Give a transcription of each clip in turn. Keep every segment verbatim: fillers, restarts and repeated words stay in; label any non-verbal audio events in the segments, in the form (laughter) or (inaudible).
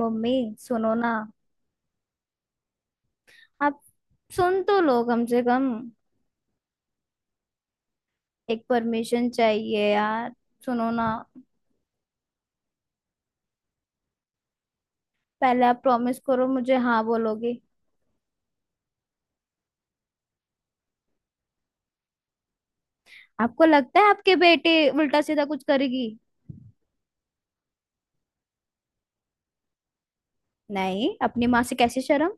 Mummy सुनो ना। आप सुन तो लो कम से कम। एक परमिशन चाहिए यार। सुनो ना। पहले आप प्रॉमिस करो मुझे हाँ बोलोगे। आपको लगता है आपके बेटे उल्टा सीधा कुछ करेगी। नहीं अपनी माँ से कैसे शर्म।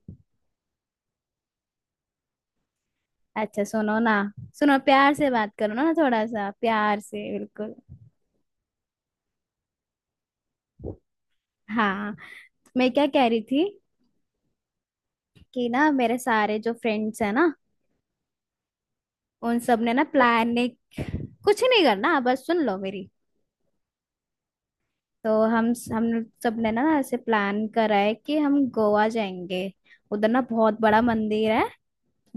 अच्छा सुनो ना। सुनो प्यार से बात करो ना थोड़ा सा प्यार से। बिल्कुल। हाँ। मैं क्या कह रही थी कि ना मेरे सारे जो फ्रेंड्स हैं ना, उन सब ने ना प्लान ने। कुछ नहीं करना बस सुन लो मेरी। तो हम हम सब ने ना ऐसे प्लान करा है कि हम गोवा जाएंगे। उधर ना बहुत बड़ा मंदिर है।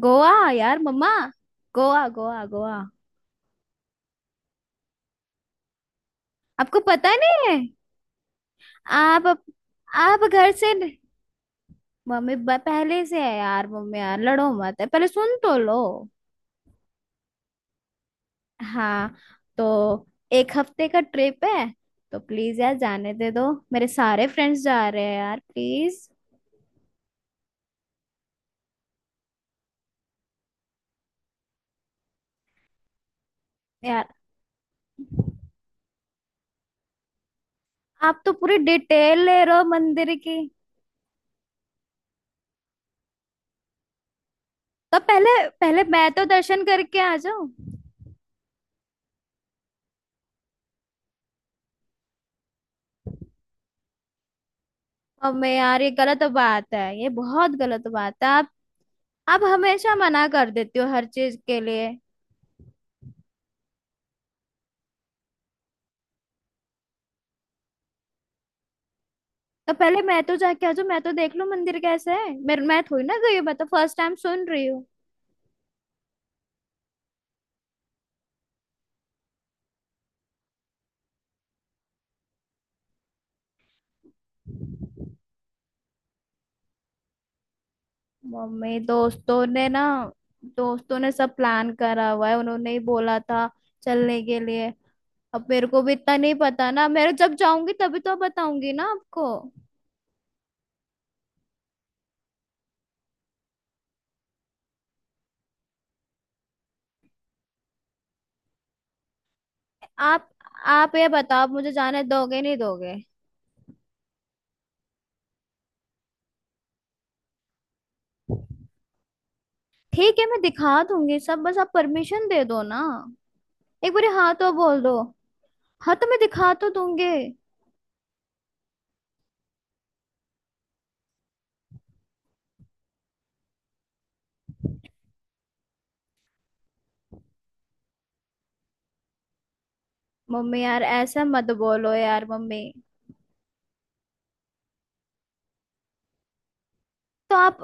गोवा। यार मम्मा। गोवा गोवा गोवा। आपको पता नहीं है। आप। आप घर से। मम्मी ब- पहले से है यार मम्मी, यार लड़ो मत है पहले सुन तो लो। हाँ। तो एक हफ्ते का ट्रिप है। तो प्लीज यार जाने दे दो, मेरे सारे फ्रेंड्स जा रहे हैं यार, प्लीज। यार। आप तो पूरी डिटेल ले रहे हो मंदिर की। तब पहले, पहले मैं तो दर्शन करके आ जाऊं। अब मैं, यार ये गलत बात है, ये बहुत गलत बात है आप। आप हमेशा मना कर देती हो हर चीज के लिए। तो पहले मैं तो जाके आ जाऊं, मैं तो देख लूं मंदिर कैसा है, मैं मैं थोड़ी ना गई हूं, मैं तो फर्स्ट टाइम सुन रही हूँ। मम्मी दोस्तों ने ना, दोस्तों ने सब प्लान करा हुआ है, उन्होंने ही बोला था चलने के लिए। अब मेरे को भी इतना नहीं पता ना, मेरे जब जाऊंगी तभी तो बताऊंगी ना आपको। आप। आप ये बताओ, आप मुझे जाने दोगे नहीं दोगे। ठीक है मैं दिखा दूंगी सब, बस आप परमिशन दे दो ना। एक बार हाँ तो बोल दो। हाँ तो मैं दिखा तो दूंगी। मम्मी यार ऐसा मत बोलो यार मम्मी। तो आप,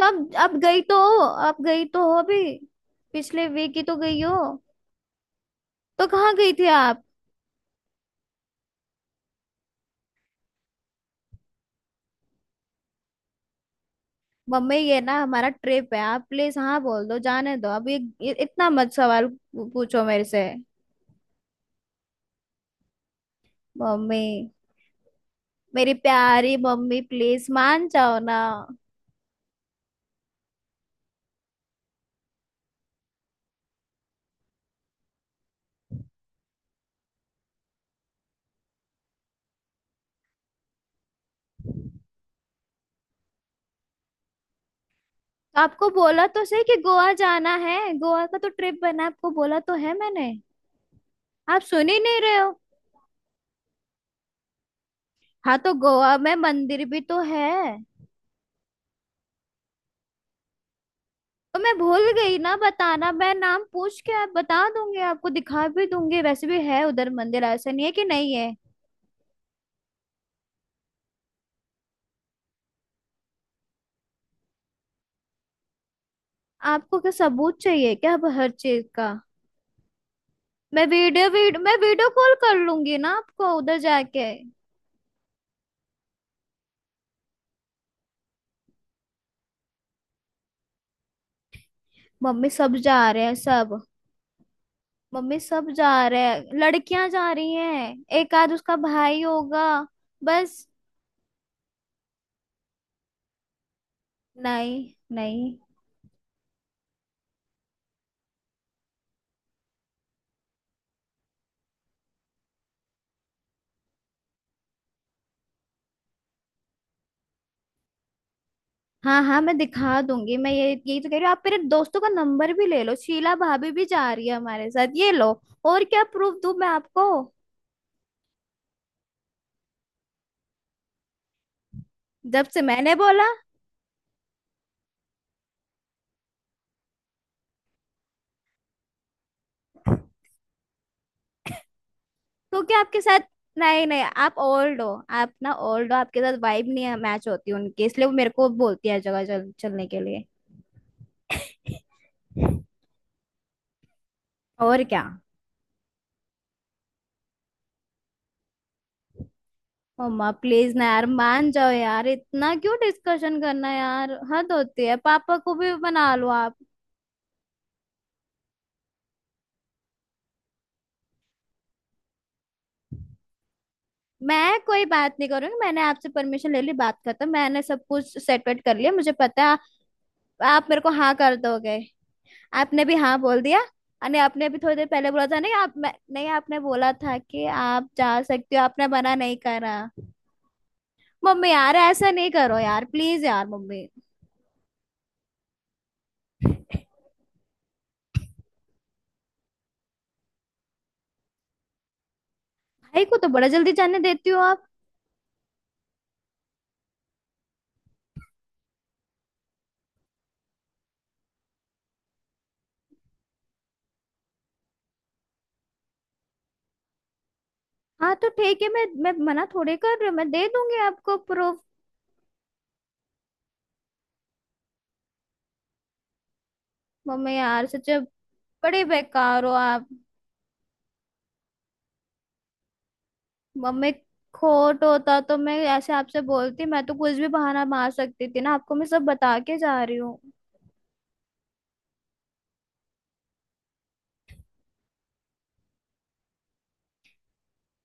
तब आप गई तो हो, आप गई तो हो अभी, पिछले वीक ही तो गई हो। तो कहाँ गई थी आप। मम्मी ये ना हमारा ट्रिप है, आप प्लीज हाँ बोल दो जाने दो, अब ये, ये इतना मत सवाल पू- पूछो मेरे से। मम्मी मेरी प्यारी मम्मी प्लीज मान जाओ ना। तो आपको बोला तो सही कि गोवा जाना है, गोवा का तो ट्रिप बना है, आपको बोला तो है मैंने। आप सुन ही नहीं रहे हो। हाँ तो गोवा में मंदिर भी तो है। तो मैं भूल गई ना बताना, मैं नाम पूछ के आप बता दूंगी, आपको दिखा भी दूंगी, वैसे भी है उधर मंदिर, ऐसा नहीं है कि नहीं है। आपको क्या सबूत चाहिए क्या अब हर चीज का। मैं वीडियो वीडियो मैं वीडियो कॉल कर लूंगी ना आपको उधर जाके। मम्मी सब जा रहे हैं सब। मम्मी सब जा रहे हैं, लड़कियां जा रही हैं, एक आध उसका भाई होगा। बस। नहीं। नहीं। हाँ हाँ मैं दिखा दूंगी, मैं ये यही तो कह रही हूँ, आप मेरे दोस्तों का नंबर भी ले लो, शीला भाभी भी जा रही है हमारे साथ, ये लो। और क्या प्रूफ दूं मैं आपको। जब से मैंने बोला। तो क्या आपके साथ। नहीं नहीं आप ओल्ड हो। आप ना ओल्ड हो, आपके साथ वाइब नहीं मैच होती उनकी, इसलिए वो मेरे को बोलती है हर जगह चल, चलने के लिए। और क्या। मम्मा प्लीज ना यार मान जाओ यार, इतना क्यों डिस्कशन करना यार, हद होती है, पापा को भी बना लो आप। मैं कोई बात नहीं करूंगी, मैंने आपसे परमिशन ले ली, बात करता मैंने सब कुछ सेट वेट कर लिया, मुझे पता है आप मेरे को हाँ कर दोगे। आपने भी हाँ बोल दिया। अरे आपने भी थोड़ी देर पहले बोला था, नहीं आप मैं, नहीं आपने बोला था कि आप जा सकती हो, आपने मना नहीं करा। मम्मी यार ऐसा नहीं करो यार प्लीज यार मम्मी। भाई को तो बड़ा जल्दी जाने देती हो आप। हाँ तो ठीक है, मैं मैं मना थोड़े कर रही हूँ, मैं दे दूंगी आपको प्रूफ। मम्मी यार सच में बड़े बेकार हो आप। मम्मी खोट होता तो मैं ऐसे आपसे बोलती, मैं तो कुछ भी बहाना मार सकती थी ना आपको, मैं सब बता के जा रही हूँ।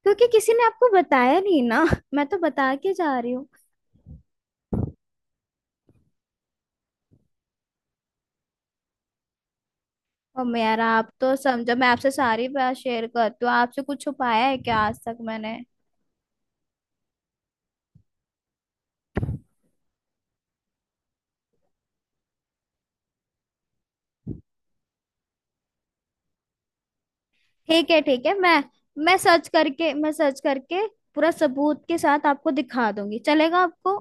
क्योंकि किसी ने आपको बताया नहीं ना (laughs) मैं तो बता के जा रही हूँ। मम्मी यार आप तो समझो, मैं आपसे सारी बात शेयर करती हूँ, आपसे कुछ छुपाया है क्या आज तक मैंने। ठीक है ठीक है, मैं मैं सर्च करके मैं सर्च करके पूरा सबूत के साथ आपको दिखा दूंगी, चलेगा आपको।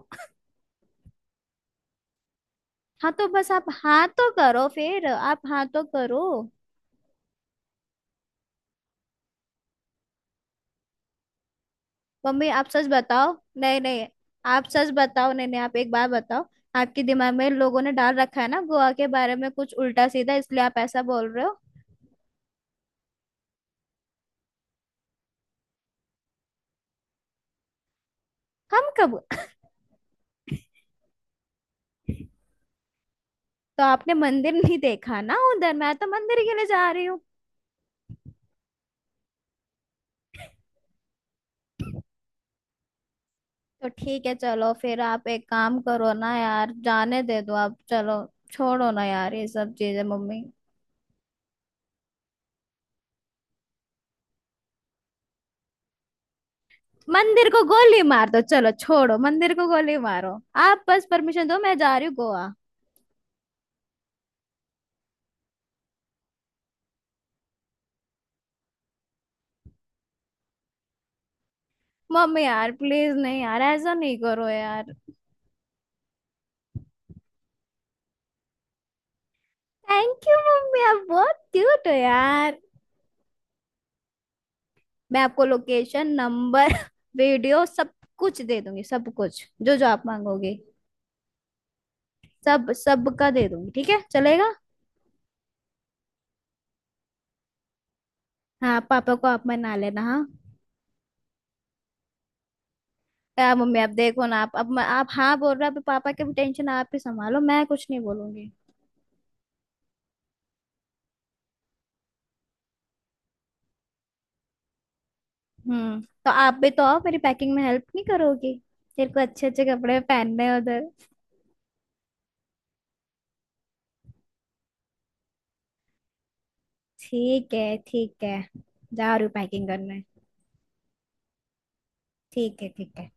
हाँ तो बस आप हाँ तो करो, फिर आप हाँ तो करो। मम्मी आप सच बताओ। नहीं नहीं आप सच बताओ, नहीं नहीं आप एक बार बताओ। आपके दिमाग में लोगों ने डाल रखा है ना गोवा के बारे में कुछ उल्टा सीधा, इसलिए आप ऐसा बोल रहे हो। हम कब। (laughs) तो आपने मंदिर नहीं देखा ना उधर, मैं तो मंदिर के लिए जा रही हूँ। तो ठीक है चलो, फिर आप एक काम करो ना यार, जाने दे दो आप, चलो छोड़ो ना यार ये सब चीजें मम्मी। मंदिर को गोली मार दो, चलो छोड़ो मंदिर को गोली मारो। आप बस परमिशन दो, मैं जा रही हूँ गोवा। मम्मी यार प्लीज नहीं यार ऐसा नहीं करो यार। थैंक यू मम्मी आप बहुत क्यूट हो यार। मैं आपको लोकेशन, नंबर, वीडियो (laughs) सब कुछ दे दूंगी, सब कुछ जो जो आप मांगोगे। सब सब का दे दूंगी, ठीक है चलेगा। हाँ पापा को आप मना लेना, हाँ। यार मम्मी आप देखो ना, आप अब आप हाँ बोल रहे हो, आप पापा की टेंशन आप ही संभालो, मैं कुछ नहीं बोलूंगी। हम्म, तो आप भी तो आओ, मेरी पैकिंग में हेल्प नहीं करोगी। तेरे को अच्छे अच्छे कपड़े पहनने हैं उधर। ठीक है ठीक है, जा रही हूँ पैकिंग करने। ठीक है ठीक है।